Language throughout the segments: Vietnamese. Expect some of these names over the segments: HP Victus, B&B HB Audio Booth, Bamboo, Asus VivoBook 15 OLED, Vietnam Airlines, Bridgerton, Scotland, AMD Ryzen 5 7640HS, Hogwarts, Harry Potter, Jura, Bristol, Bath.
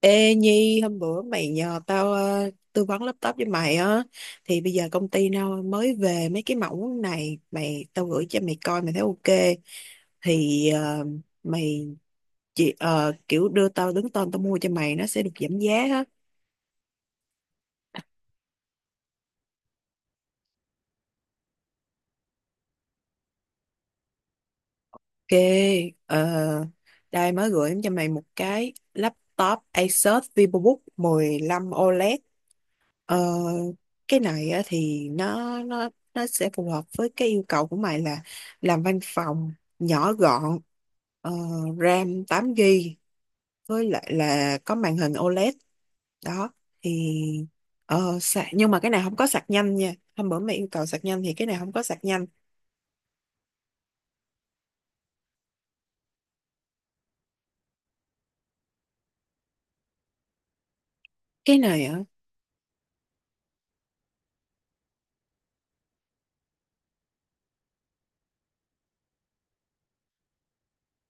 Ê Nhi, hôm bữa mày nhờ tao tư vấn laptop với mày á, thì bây giờ công ty tao mới về mấy cái mẫu này, tao gửi cho mày coi mày thấy ok thì mày kiểu đưa tao đứng tên, tao mua cho mày nó sẽ được giảm giá á. Ok, ờ, đây mới gửi cho mày một cái laptop Asus VivoBook 15 OLED. Ờ, cái này á, thì nó sẽ phù hợp với cái yêu cầu của mày là làm văn phòng, nhỏ gọn, ờ, RAM 8 GB, với lại là có màn hình OLED đó. Thì sạc, nhưng mà cái này không có sạc nhanh nha. Hôm bữa mày yêu cầu sạc nhanh thì cái này không có sạc nhanh. Cái này á,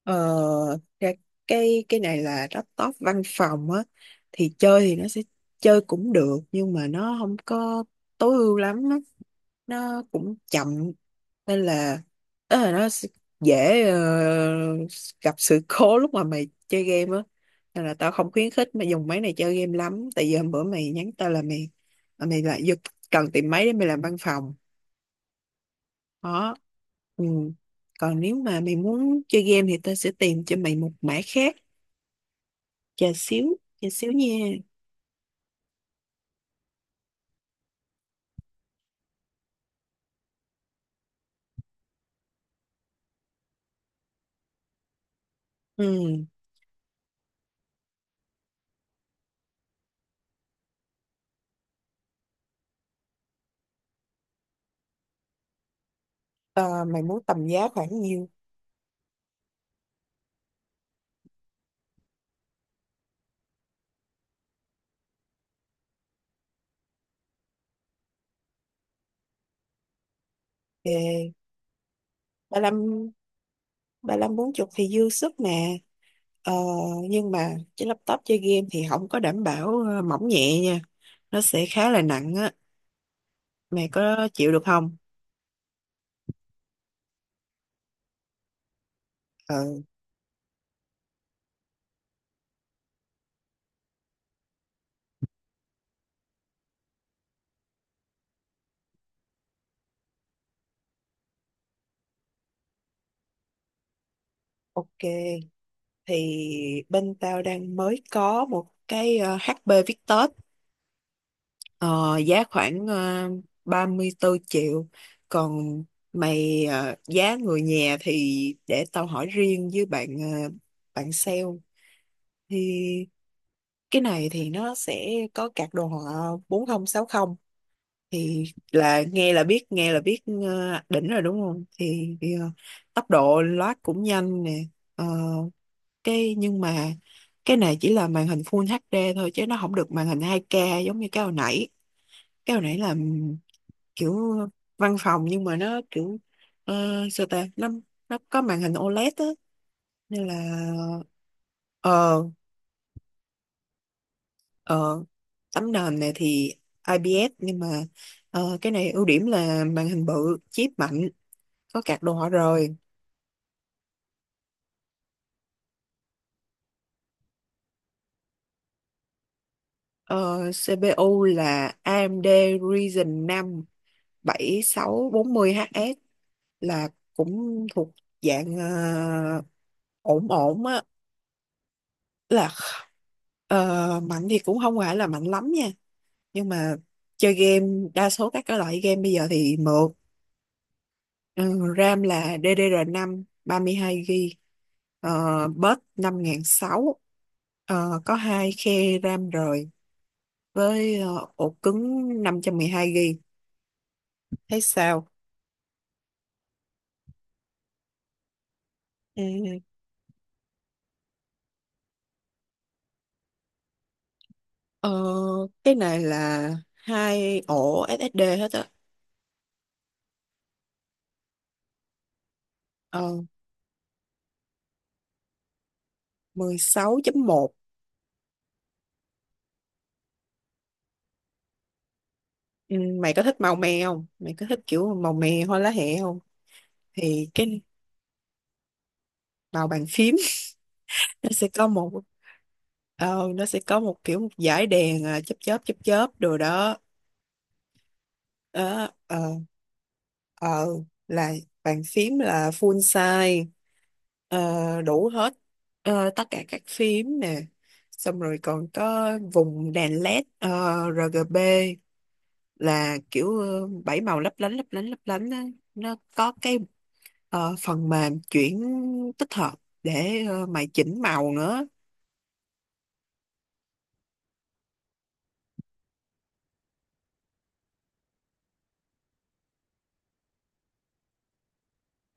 ờ, cái cái này là laptop văn phòng á, thì chơi thì nó sẽ chơi cũng được, nhưng mà nó không có tối ưu lắm á, nó cũng chậm. Nên là đó, là dễ gặp sự cố lúc mà mày chơi game á. Nên là tao không khuyến khích mày dùng máy này chơi game lắm, tại vì hôm bữa mày nhắn tao là mày, là mày lại giật cần tìm máy để mày làm văn phòng đó. Ừ. Còn nếu mà mày muốn chơi game thì tao sẽ tìm cho mày một mã khác. Chờ xíu, nha. Ừ. Ờ, mày muốn tầm giá khoảng nhiêu? Thì ba lăm, ba lăm bốn chục thì dư sức nè. Ờ, nhưng mà cái laptop chơi game thì không có đảm bảo mỏng nhẹ nha, nó sẽ khá là nặng á. Mày có chịu được không? Ờ, ok. Thì bên tao đang mới có một cái HP Victus, ờ, giá khoảng 34 triệu. Còn mày giá người nhà thì để tao hỏi riêng với bạn, bạn sale. Thì cái này thì nó sẽ có card đồ họa 4060. Thì là nghe là biết, nghe là biết đỉnh rồi đúng không? Thì tốc độ loát cũng nhanh nè. Ờ, cái nhưng mà cái này chỉ là màn hình Full HD thôi, chứ nó không được màn hình 2K giống như cái hồi nãy. Cái hồi nãy là kiểu văn phòng, nhưng mà nó kiểu sao ta, nó có màn hình OLED á nên là. ờ ờ Tấm nền này thì IPS, nhưng mà cái này ưu điểm là màn hình bự, chip mạnh, có card đồ họa rồi. Ờ, CPU là AMD Ryzen 5 7640HS, là cũng thuộc dạng ổn ổn á. là kh- Mạnh thì cũng không phải là mạnh lắm nha, nhưng mà chơi game đa số các cái loại game bây giờ thì mượt. Ừ, RAM là ddr mươi hai gb, bus 5600. Ờ, có hai khe RAM rồi, với ổ cứng 512 GB. Thấy sao? Ừ. Ờ, cái này là hai ổ SSD hết á. Ờ, 16.1. Ừ, mày có thích màu me không? Mày có thích kiểu màu me hoa lá hẹ không? Thì cái màu bàn phím. Nó sẽ có một ờ, nó sẽ có một kiểu một dải đèn à, chớp chớp chớp chớp đồ đó. Đó, ờ là bàn phím là full size. Ờ, đủ hết. Ờ, tất cả các phím nè, xong rồi còn có vùng đèn LED RGB, là kiểu 7 màu lấp lánh lấp lánh lấp lánh á. Nó có cái phần mềm chuyển tích hợp, để mày chỉnh màu nữa.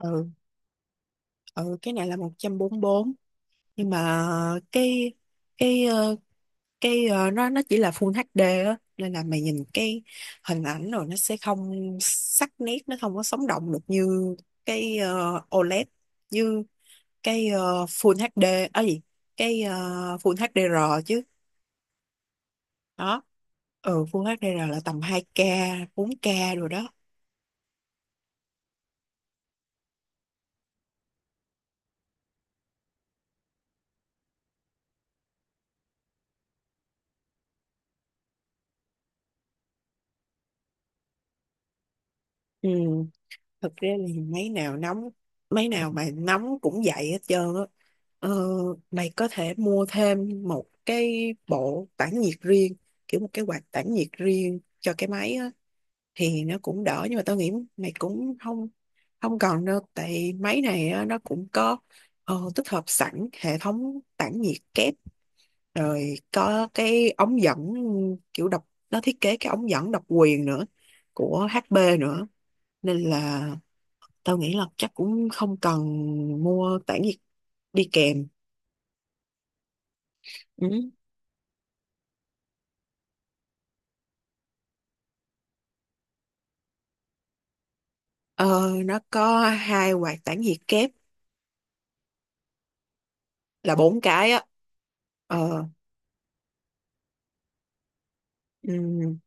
ừ ừ cái này là 144, nhưng mà cái cái ờ, nó chỉ là full HD á, nên là mày nhìn cái hình ảnh rồi nó sẽ không sắc nét, nó không có sống động được như cái OLED, như cái full HD ở gì, cái full HDR chứ. Đó, ừ, full HDR là tầm hai k, bốn k rồi đó. Ừ, thực ra thì mấy nào mà nóng cũng vậy hết trơn á. ờ, Mày có thể mua thêm một cái bộ tản nhiệt riêng, kiểu một cái quạt tản nhiệt riêng cho cái máy á, thì nó cũng đỡ. Nhưng mà tao nghĩ mày cũng không không cần đâu, tại máy này á, nó cũng có tích hợp sẵn hệ thống tản nhiệt kép rồi, có cái ống dẫn kiểu độc, nó thiết kế cái ống dẫn độc quyền nữa của HP nữa, nên là tao nghĩ là chắc cũng không cần mua tản nhiệt đi kèm. Ừ. Ờ, nó có hai quạt tản nhiệt kép là bốn cái á. ờ, ừm,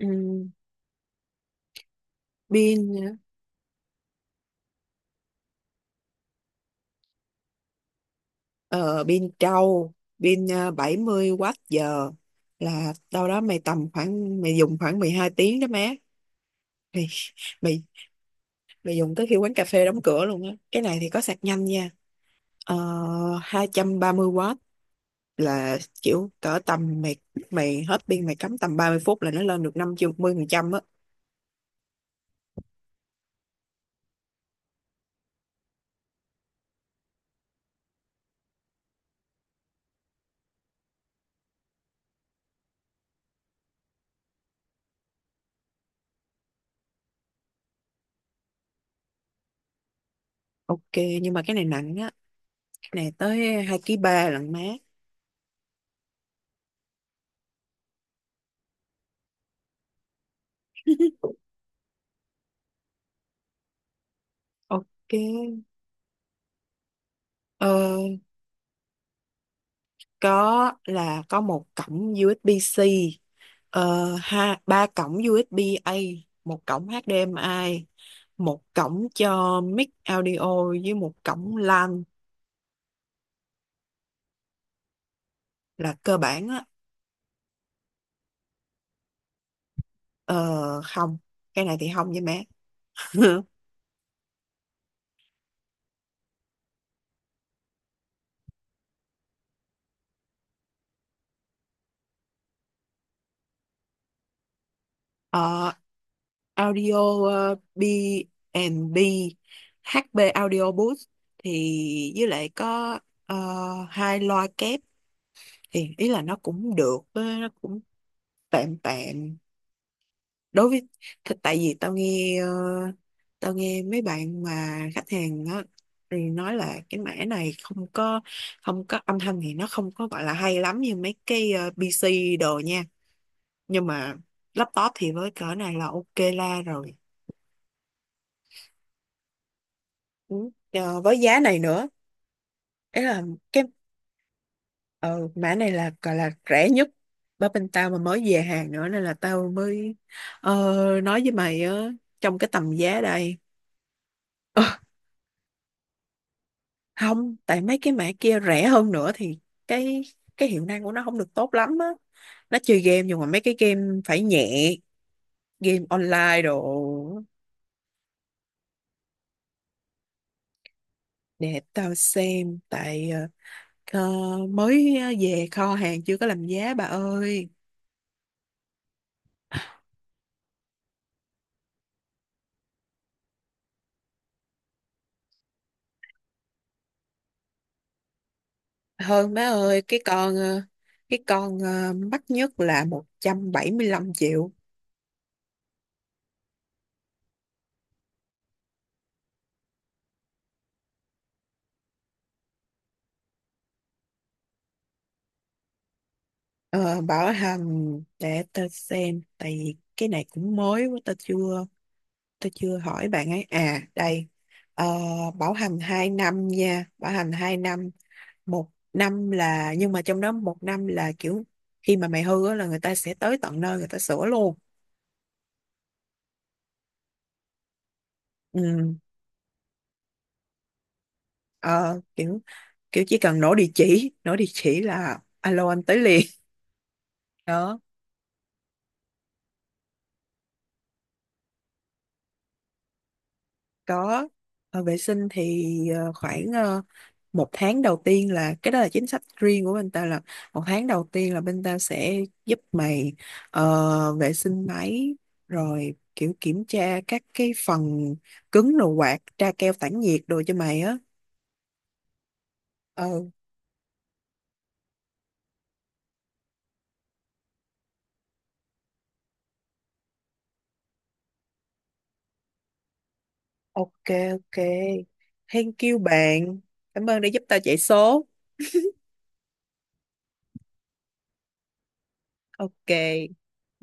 ừm, pin. Ờ, pin trâu, pin 70 Wh, là đâu đó mày tầm khoảng mày dùng khoảng 12 tiếng đó má. Mày mày mày dùng tới khi quán cà phê đóng cửa luôn á. Cái này thì có sạc nhanh nha, ờ, 230 W, là kiểu cỡ tầm mày, mày hết pin mày cắm tầm 30 phút là nó lên được 50% á. Ok. Nhưng mà cái này nặng á, cái này tới hai ký ba lận má. Ok. ờ, có, là có một cổng USB-C, ờ, ha ba cổng USB-A, một cổng HDMI, một cổng cho mic audio với một cổng LAN, là cơ bản á. Ờ, Không, cái này thì không với má. Ờ, Audio B&B HB Audio Booth, thì với lại có ờ, hai loa kép. Thì ý là nó cũng được, nó cũng tạm tạm, đối với tại vì tao nghe, tao nghe mấy bạn mà khách hàng đó thì nói là cái mẻ này không có, âm thanh thì nó không có gọi là hay lắm như mấy cái PC đồ nha. Nhưng mà laptop thì với cỡ này là ok la rồi. Ừ. Ờ, với giá này nữa. Ấy là cái ờ, mã này là gọi là rẻ nhất, bởi bên tao mà mới về hàng nữa, nên là tao mới ờ, nói với mày á, trong cái tầm giá đây. Ờ, không, tại mấy cái mã kia rẻ hơn nữa thì cái cái hiệu năng của nó không được tốt lắm á, nó chơi game nhưng mà mấy cái game phải nhẹ, game online đồ. Để tao xem, tại về kho hàng chưa có làm giá bà ơi. Hơn má ơi. Cái con mắc nhất là 175 triệu. Ờ, bảo hành, để tao xem, tại vì cái này cũng mới quá, tao chưa hỏi bạn ấy. À, đây. Ờ, bảo hành 2 năm nha, bảo hành 2 năm, một năm là, nhưng mà trong đó một năm là kiểu khi mà mày hư á là người ta sẽ tới tận nơi người ta sửa luôn. Ừ. Ờ, kiểu kiểu chỉ cần nổ địa chỉ, là alo anh tới liền. Đó. Có, vệ sinh thì khoảng một tháng đầu tiên, là cái đó là chính sách riêng của bên ta, là một tháng đầu tiên là bên ta sẽ giúp mày vệ sinh máy, rồi kiểu kiểm tra các cái phần cứng đồ, quạt, tra keo tản nhiệt đồ cho mày á. Ờ, ok. Ok, thank you bạn. Cảm ơn đã giúp tao chạy số. Ok,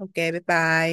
ok, bye bye.